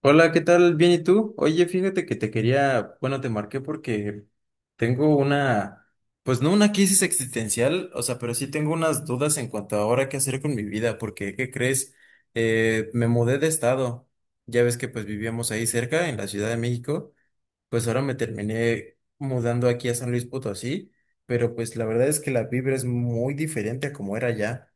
Hola, ¿qué tal? Bien, ¿y tú? Oye, fíjate que te quería, bueno, te marqué porque tengo una, pues no una crisis existencial, o sea, pero sí tengo unas dudas en cuanto a ahora qué hacer con mi vida, porque, ¿qué crees? Me mudé de estado, ya ves que pues vivíamos ahí cerca, en la Ciudad de México, pues ahora me terminé mudando aquí a San Luis Potosí, pero pues la verdad es que la vibra es muy diferente a como era allá.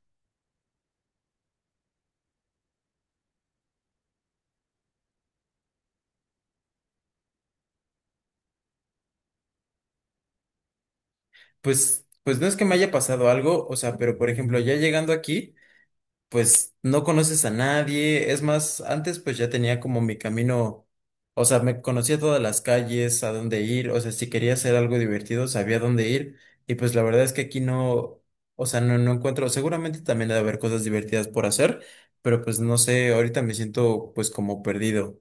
Pues no es que me haya pasado algo, o sea, pero por ejemplo, ya llegando aquí, pues no conoces a nadie. Es más, antes pues ya tenía como mi camino, o sea, me conocía todas las calles, a dónde ir, o sea, si quería hacer algo divertido, sabía dónde ir. Y pues la verdad es que aquí no, o sea, no encuentro, seguramente también debe haber cosas divertidas por hacer, pero pues no sé, ahorita me siento pues como perdido.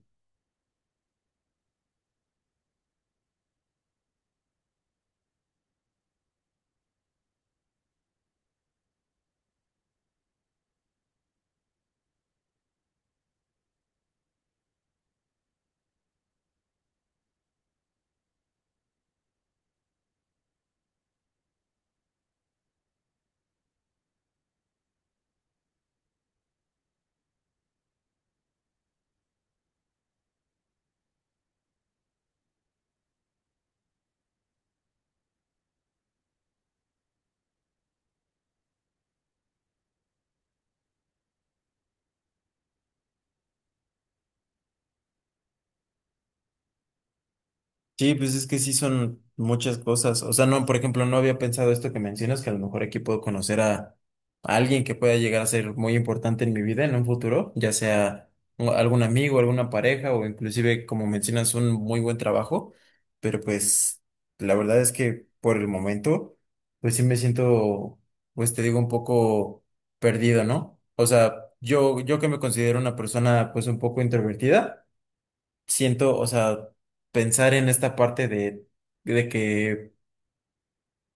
Sí, pues es que sí son muchas cosas. O sea, no, por ejemplo, no había pensado esto que mencionas, que a lo mejor aquí puedo conocer a alguien que pueda llegar a ser muy importante en mi vida en un futuro, ya sea algún amigo, alguna pareja o inclusive, como mencionas, un muy buen trabajo. Pero pues la verdad es que por el momento, pues sí me siento, pues te digo, un poco perdido, ¿no? O sea, yo que me considero una persona pues un poco introvertida siento, o sea, pensar en esta parte de que,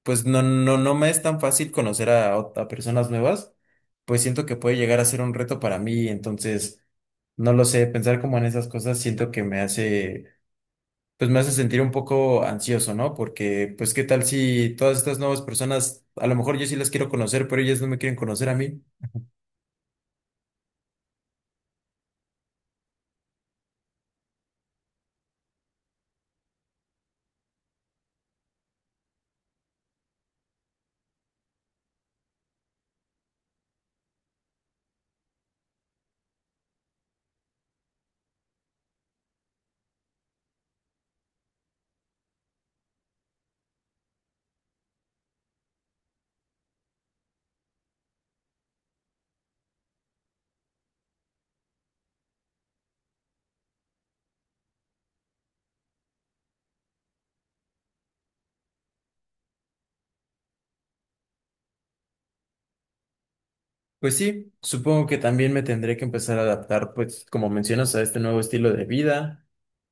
pues no me es tan fácil conocer a, a personas nuevas, pues siento que puede llegar a ser un reto para mí, entonces, no lo sé, pensar como en esas cosas siento que me hace, pues me hace sentir un poco ansioso, ¿no? Porque, pues, ¿qué tal si todas estas nuevas personas, a lo mejor yo sí las quiero conocer, pero ellas no me quieren conocer a mí? Pues sí, supongo que también me tendré que empezar a adaptar, pues como mencionas, a este nuevo estilo de vida,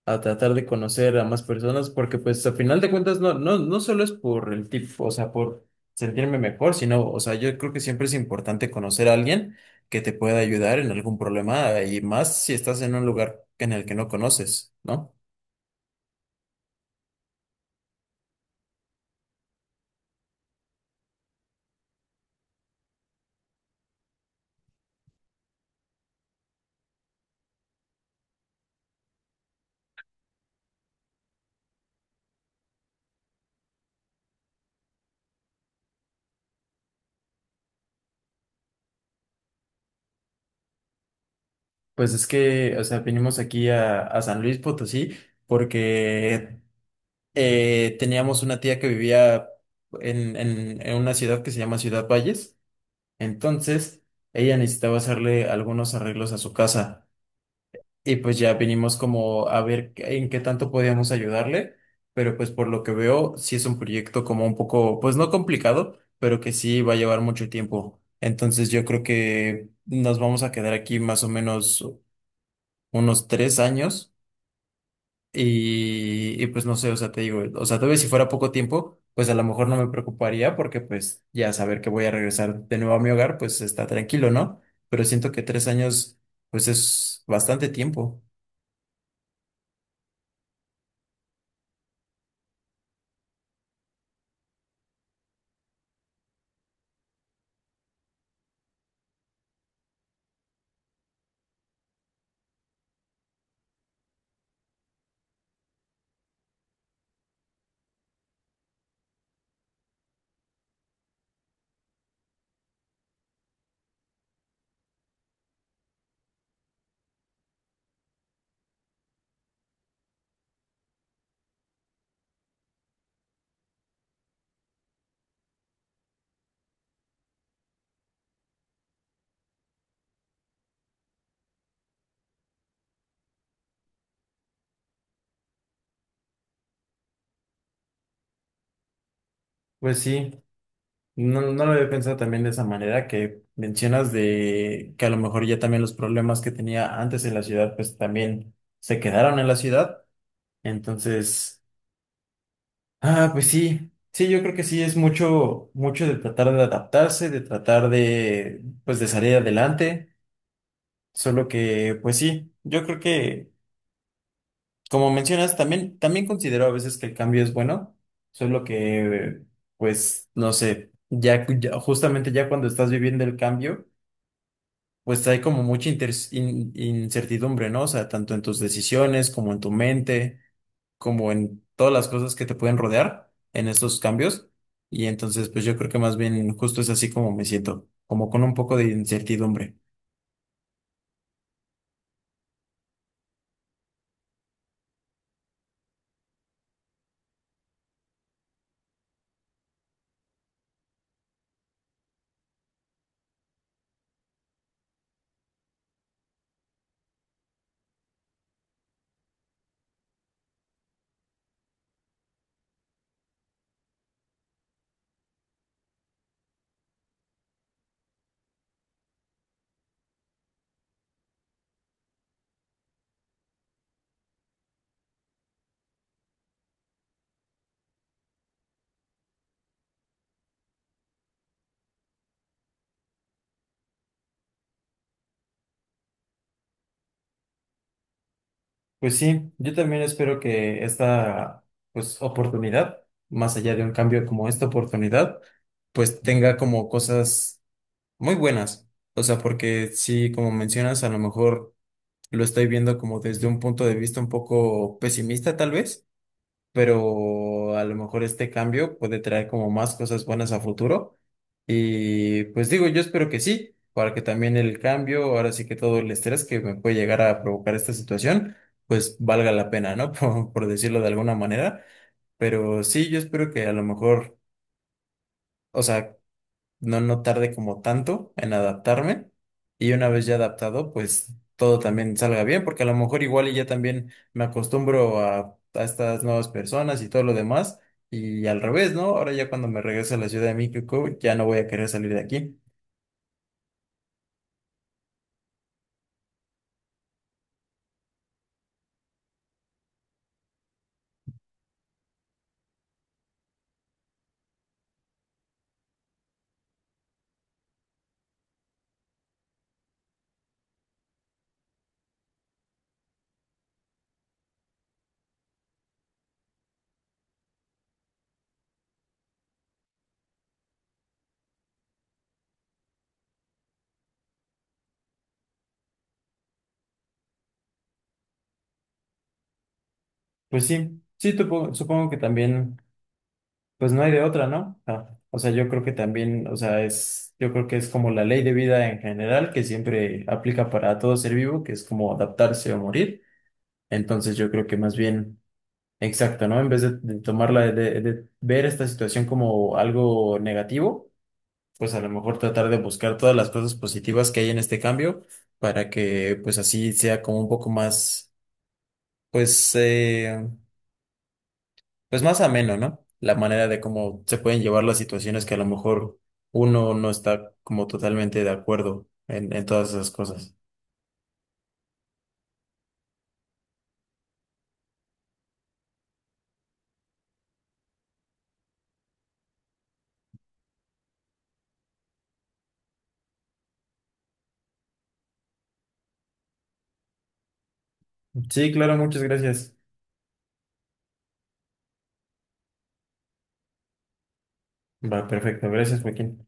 a tratar de conocer a más personas, porque pues a final de cuentas no, no solo es por el tipo, o sea, por sentirme mejor, sino, o sea, yo creo que siempre es importante conocer a alguien que te pueda ayudar en algún problema, y más si estás en un lugar en el que no conoces, ¿no? Pues es que, o sea, vinimos aquí a San Luis Potosí porque teníamos una tía que vivía en una ciudad que se llama Ciudad Valles. Entonces, ella necesitaba hacerle algunos arreglos a su casa. Y pues ya vinimos como a ver en qué tanto podíamos ayudarle. Pero pues por lo que veo, sí es un proyecto como un poco, pues no complicado, pero que sí va a llevar mucho tiempo. Entonces yo creo que nos vamos a quedar aquí más o menos unos 3 años y pues no sé, o sea, te digo, o sea, tal vez si fuera poco tiempo, pues a lo mejor no me preocuparía porque pues ya saber que voy a regresar de nuevo a mi hogar, pues está tranquilo, ¿no? Pero siento que 3 años, pues es bastante tiempo. Pues sí, no lo había pensado también de esa manera que mencionas de que a lo mejor ya también los problemas que tenía antes en la ciudad, pues también se quedaron en la ciudad. Entonces... Ah, pues sí, sí, yo creo que sí es mucho, mucho de tratar de adaptarse, de tratar de, pues de salir adelante, solo que, pues sí, yo creo que, como mencionas, también, también considero a veces que el cambio es bueno, solo que, pues, no sé, ya, justamente ya cuando estás viviendo el cambio, pues hay como mucha incertidumbre, ¿no? O sea, tanto en tus decisiones como en tu mente, como en todas las cosas que te pueden rodear en estos cambios. Y entonces, pues yo creo que más bien justo es así como me siento, como con un poco de incertidumbre. Pues sí, yo también espero que esta, pues, oportunidad, más allá de un cambio como esta oportunidad, pues tenga como cosas muy buenas. O sea, porque sí, como mencionas, a lo mejor lo estoy viendo como desde un punto de vista un poco pesimista tal vez, pero a lo mejor este cambio puede traer como más cosas buenas a futuro. Y pues digo, yo espero que sí, para que también el cambio, ahora sí que todo el estrés que me puede llegar a provocar esta situación, pues valga la pena, ¿no? Por decirlo de alguna manera. Pero sí, yo espero que a lo mejor, o sea, no tarde como tanto en adaptarme y una vez ya adaptado, pues todo también salga bien, porque a lo mejor igual y ya también me acostumbro a estas nuevas personas y todo lo demás y al revés, ¿no? Ahora ya cuando me regrese a la Ciudad de México ya no voy a querer salir de aquí. Pues sí, sí, supongo que también, pues no hay de otra, ¿no? Ah, o sea, yo creo que también, o sea, es, yo creo que es como la ley de vida en general que siempre aplica para todo ser vivo, que es como adaptarse o morir. Entonces yo creo que más bien... Exacto, ¿no? En vez de tomarla, de ver esta situación como algo negativo, pues a lo mejor tratar de buscar todas las cosas positivas que hay en este cambio para que pues así sea como un poco más, pues, pues más ameno, ¿no? La manera de cómo se pueden llevar las situaciones que a lo mejor uno no está como totalmente de acuerdo en todas esas cosas. Sí, claro, muchas gracias. Va, perfecto. Gracias, Joaquín.